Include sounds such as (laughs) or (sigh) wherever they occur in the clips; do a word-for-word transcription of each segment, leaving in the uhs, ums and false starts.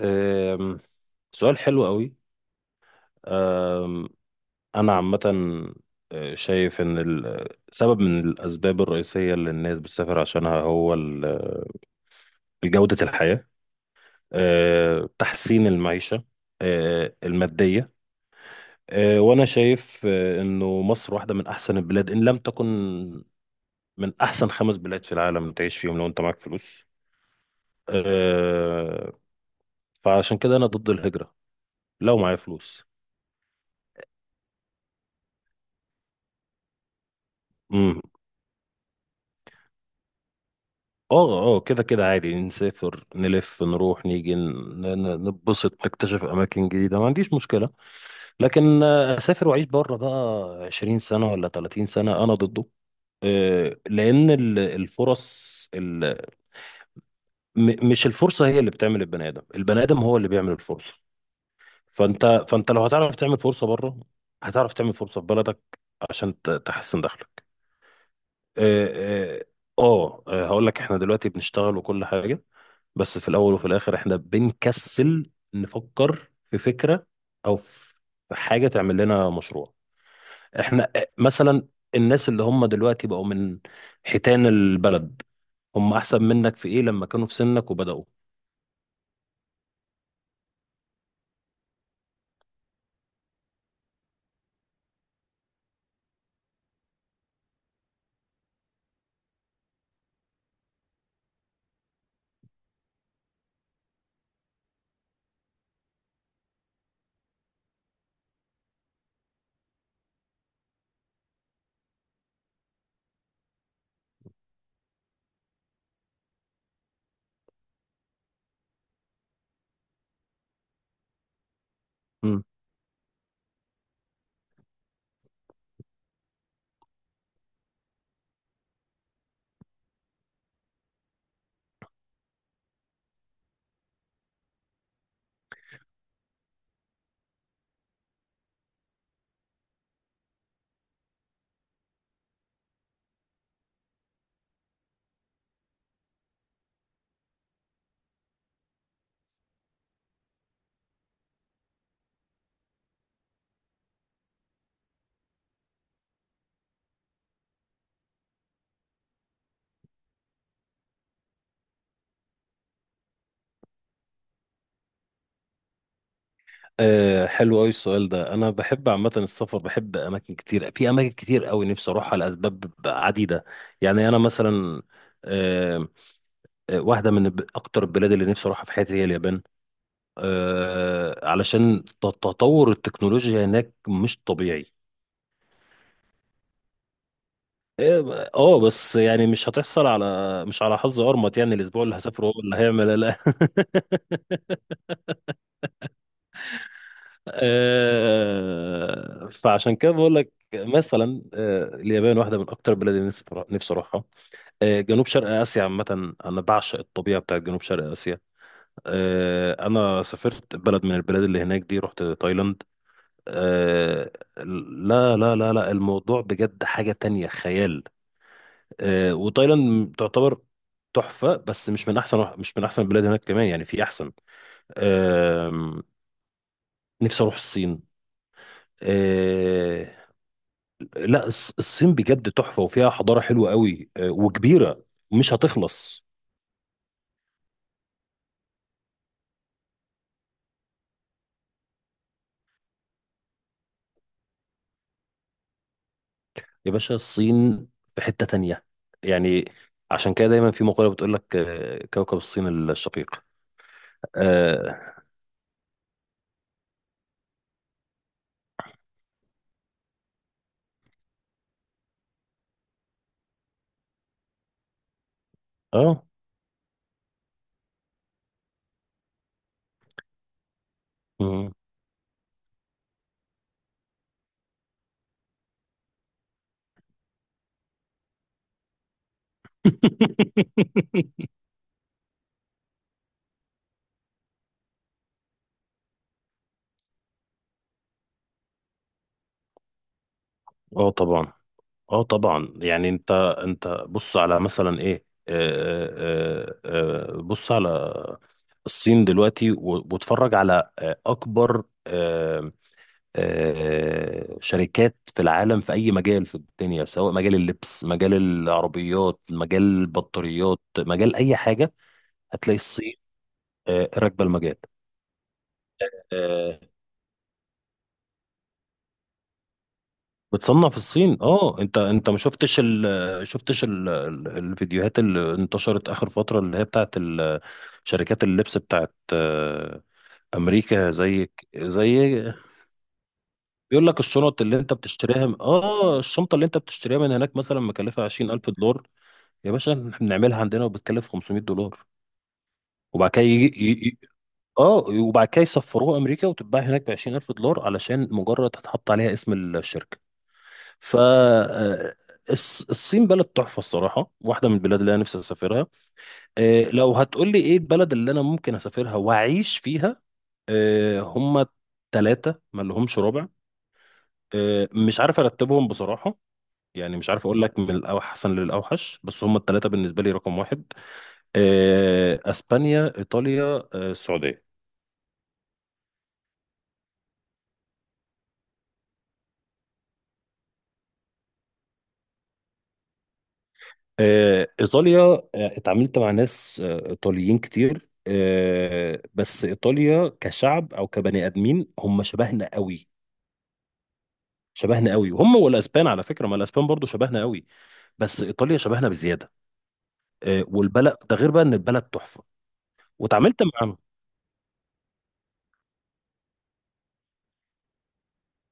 أم، سؤال حلو قوي. أم، انا عامه أه، شايف ان ال- سبب من الاسباب الرئيسيه اللي الناس بتسافر عشانها هو ال- جوده الحياه. أه، تحسين المعيشه أه، الماديه. أه، وانا شايف أه، انه مصر واحده من احسن البلاد ان لم تكن من احسن خمس بلاد في العالم تعيش فيهم لو انت معاك فلوس. أه، فعشان كده انا ضد الهجره لو معايا فلوس. اه، اه، كده كده عادي نسافر نلف نروح نيجي ن- ن- نتبسط نكتشف اماكن جديده، ما عنديش مشكله. لكن آه، اسافر واعيش بره بقى 20 سنه ولا 30 سنه انا ضده. آه، لان ال- الفرص ال- م- مش الفرصه هي اللي بتعمل البني ادم، البني ادم هو اللي بيعمل الفرصه. فانت فانت لو هتعرف تعمل فرصه بره هتعرف تعمل فرصه في بلدك عشان ت- تحسن دخلك. اه. آه، آه، آه، هقول لك احنا دلوقتي بنشتغل وكل حاجة، بس في الأول وفي الآخر احنا بنكسل نفكر في فكرة أو في حاجة تعمل لنا مشروع. احنا آه، مثلا الناس اللي هم دلوقتي بقوا من حيتان البلد، هم أحسن منك في إيه لما كانوا في سنك وبدأوا؟ مم. أه حلو قوي السؤال ده. انا بحب عامه السفر، بحب اماكن كتير، في اماكن كتير قوي نفسي اروحها لاسباب عديده. يعني انا مثلا آه، آه، واحدة من الب- أكتر البلاد اللي نفسي أروحها في حياتي هي اليابان. آه، علشان ت- تطور التكنولوجيا هناك مش طبيعي. اه. آه، بس يعني مش هتحصل على، مش على حظ أرمط. يعني الأسبوع اللي هسافره هو اللي هيعمل لا. (laughs) آه، فعشان كده بقول لك مثلا آه، اليابان واحدة من أكتر البلاد اللي نفسي برا- نفسي أروحها. آه، جنوب شرق آسيا عامة، أنا بعشق الطبيعة بتاعت جنوب شرق آسيا. آه، أنا سافرت بلد من البلاد اللي هناك دي، رحت تايلاند. آه لا، لا، لا، لا، الموضوع بجد حاجة تانية، خيال. آه وتايلاند تعتبر تحفة، بس مش من أحسن مش من أحسن البلاد هناك كمان. يعني في أحسن. آه نفسي أروح الصين. آه لا، الص- الصين بجد تحفة وفيها حضارة حلوة قوي آه وكبيرة. مش هتخلص. يا باشا، الصين في حتة تانية. يعني عشان كده دايما في مقولة بتقول لك آه، كوكب الصين الشقيق. اه، اه، مم. (laughs) اه، طبعا. اه، طبعا. يعني انت انت بص على مثلا ايه. آه، آه، آه، آه، بص على الصين دلوقتي و- واتفرج على آه، اكبر آه، آه، شركات في العالم في اي مجال في الدنيا، سواء مجال اللبس، مجال العربيات، مجال البطاريات، مجال اي حاجة. هتلاقي الصين آه، راكبة المجال. آه، بتصنع في الصين. اه، انت انت ما شفتش ال شفتش ال الفيديوهات اللي انتشرت اخر فتره اللي هي بتاعت ال- شركات اللبس بتاعت آه، امريكا، زي، زي بيقول لك الشنط اللي انت بتشتريها اه الشنطه اللي انت بتشتريها من هناك مثلا مكلفه عشرين الف دولار. يا باشا، احنا بنعملها عندنا وبتكلف خمسمئة دولار. وبعد كده يجي ي- ي- اه وبعد كده يسفروها امريكا وتتباع هناك ب عشرين الف دولار علشان مجرد هتحط عليها اسم الشركه. ف آه، الص- الصين بلد تحفة الصراحة، واحدة من البلاد اللي أنا نفسي أسافرها. آه، لو هتقولي إيه البلد اللي أنا ممكن أسافرها وأعيش فيها، آه، هما تلاتة ما لهمش رابع. آه، مش عارف أرتبهم بصراحة. يعني مش عارف أقول لك من الأحسن للأوحش، بس هما التلاتة بالنسبة لي رقم واحد. آه، أسبانيا، إيطاليا، آه، السعودية. آه، إيطاليا، آه، اتعاملت مع ناس آه، إيطاليين كتير. آه، بس إيطاليا كشعب أو كبني آدمين هم شبهنا قوي، شبهنا قوي. وهم والأسبان على فكرة، ما الأسبان برضو شبهنا قوي، بس إيطاليا شبهنا بزيادة. آه، والبلد ده غير بقى إن البلد تحفة. واتعاملت مع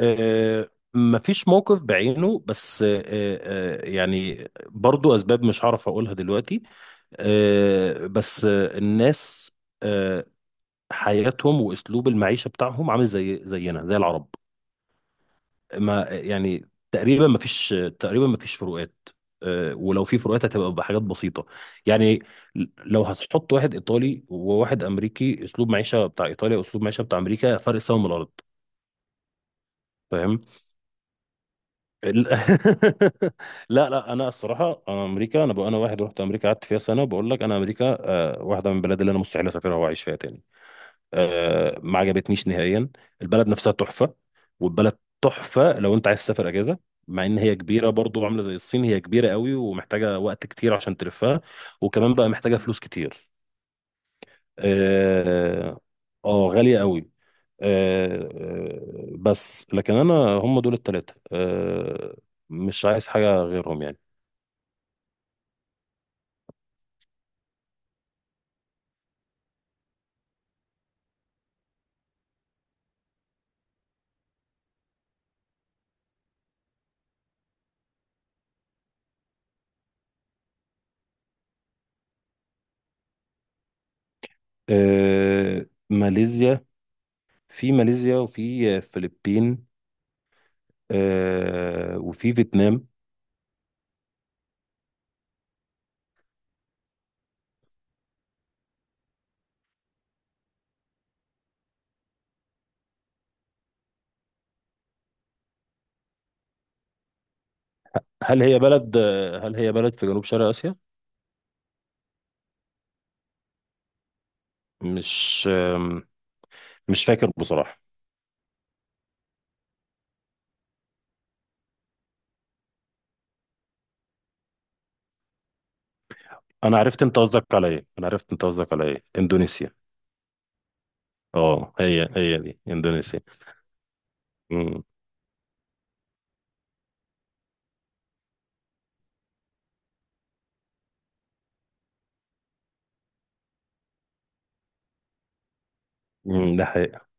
آه، آه، مفيش موقف بعينه، بس آه، آه، يعني برضو أسباب مش هعرف أقولها دلوقتي. آه، بس آه، الناس آه، حياتهم واسلوب المعيشه بتاعهم عامل زي زينا، زي العرب. ما يعني تقريبا ما فيش تقريبا ما فيش فروقات. أه، ولو في فروقات هتبقى بحاجات بسيطه. يعني لو هتحط واحد ايطالي وواحد امريكي، اسلوب معيشه بتاع ايطاليا واسلوب معيشه بتاع امريكا فرق سما من الارض. فاهم؟ ال- (laughs) لا، لا، انا الصراحه، انا امريكا انا بقى انا واحد رحت امريكا قعدت فيها سنه، بقول لك انا امريكا أه، واحده من البلاد اللي انا مستحيل اسافرها واعيش فيها تاني. آه، ما عجبتنيش نهائيا. البلد نفسها تحفة. والبلد تحفة لو انت عايز تسافر اجازة، مع ان هي كبيرة برضو عاملة زي الصين، هي كبيرة قوي ومحتاجة وقت كتير عشان تلفها. وكمان بقى محتاجة فلوس كتير. اه. آه، غالية قوي. آه، آه، بس لكن انا هم دول التلاتة، آه، مش عايز حاجة غيرهم يعني. آه، ماليزيا. في ماليزيا، وفي فلبين، آه، وفي فيتنام. هل هي بلد هل هي بلد في جنوب شرق آسيا؟ مش مش فاكر بصراحة. أنا عرفت أنت قصدك على إيه، أنا عرفت أنت قصدك على إيه، إندونيسيا. أه هي، هي دي إندونيسيا. امم. أمم، ده حقيقة.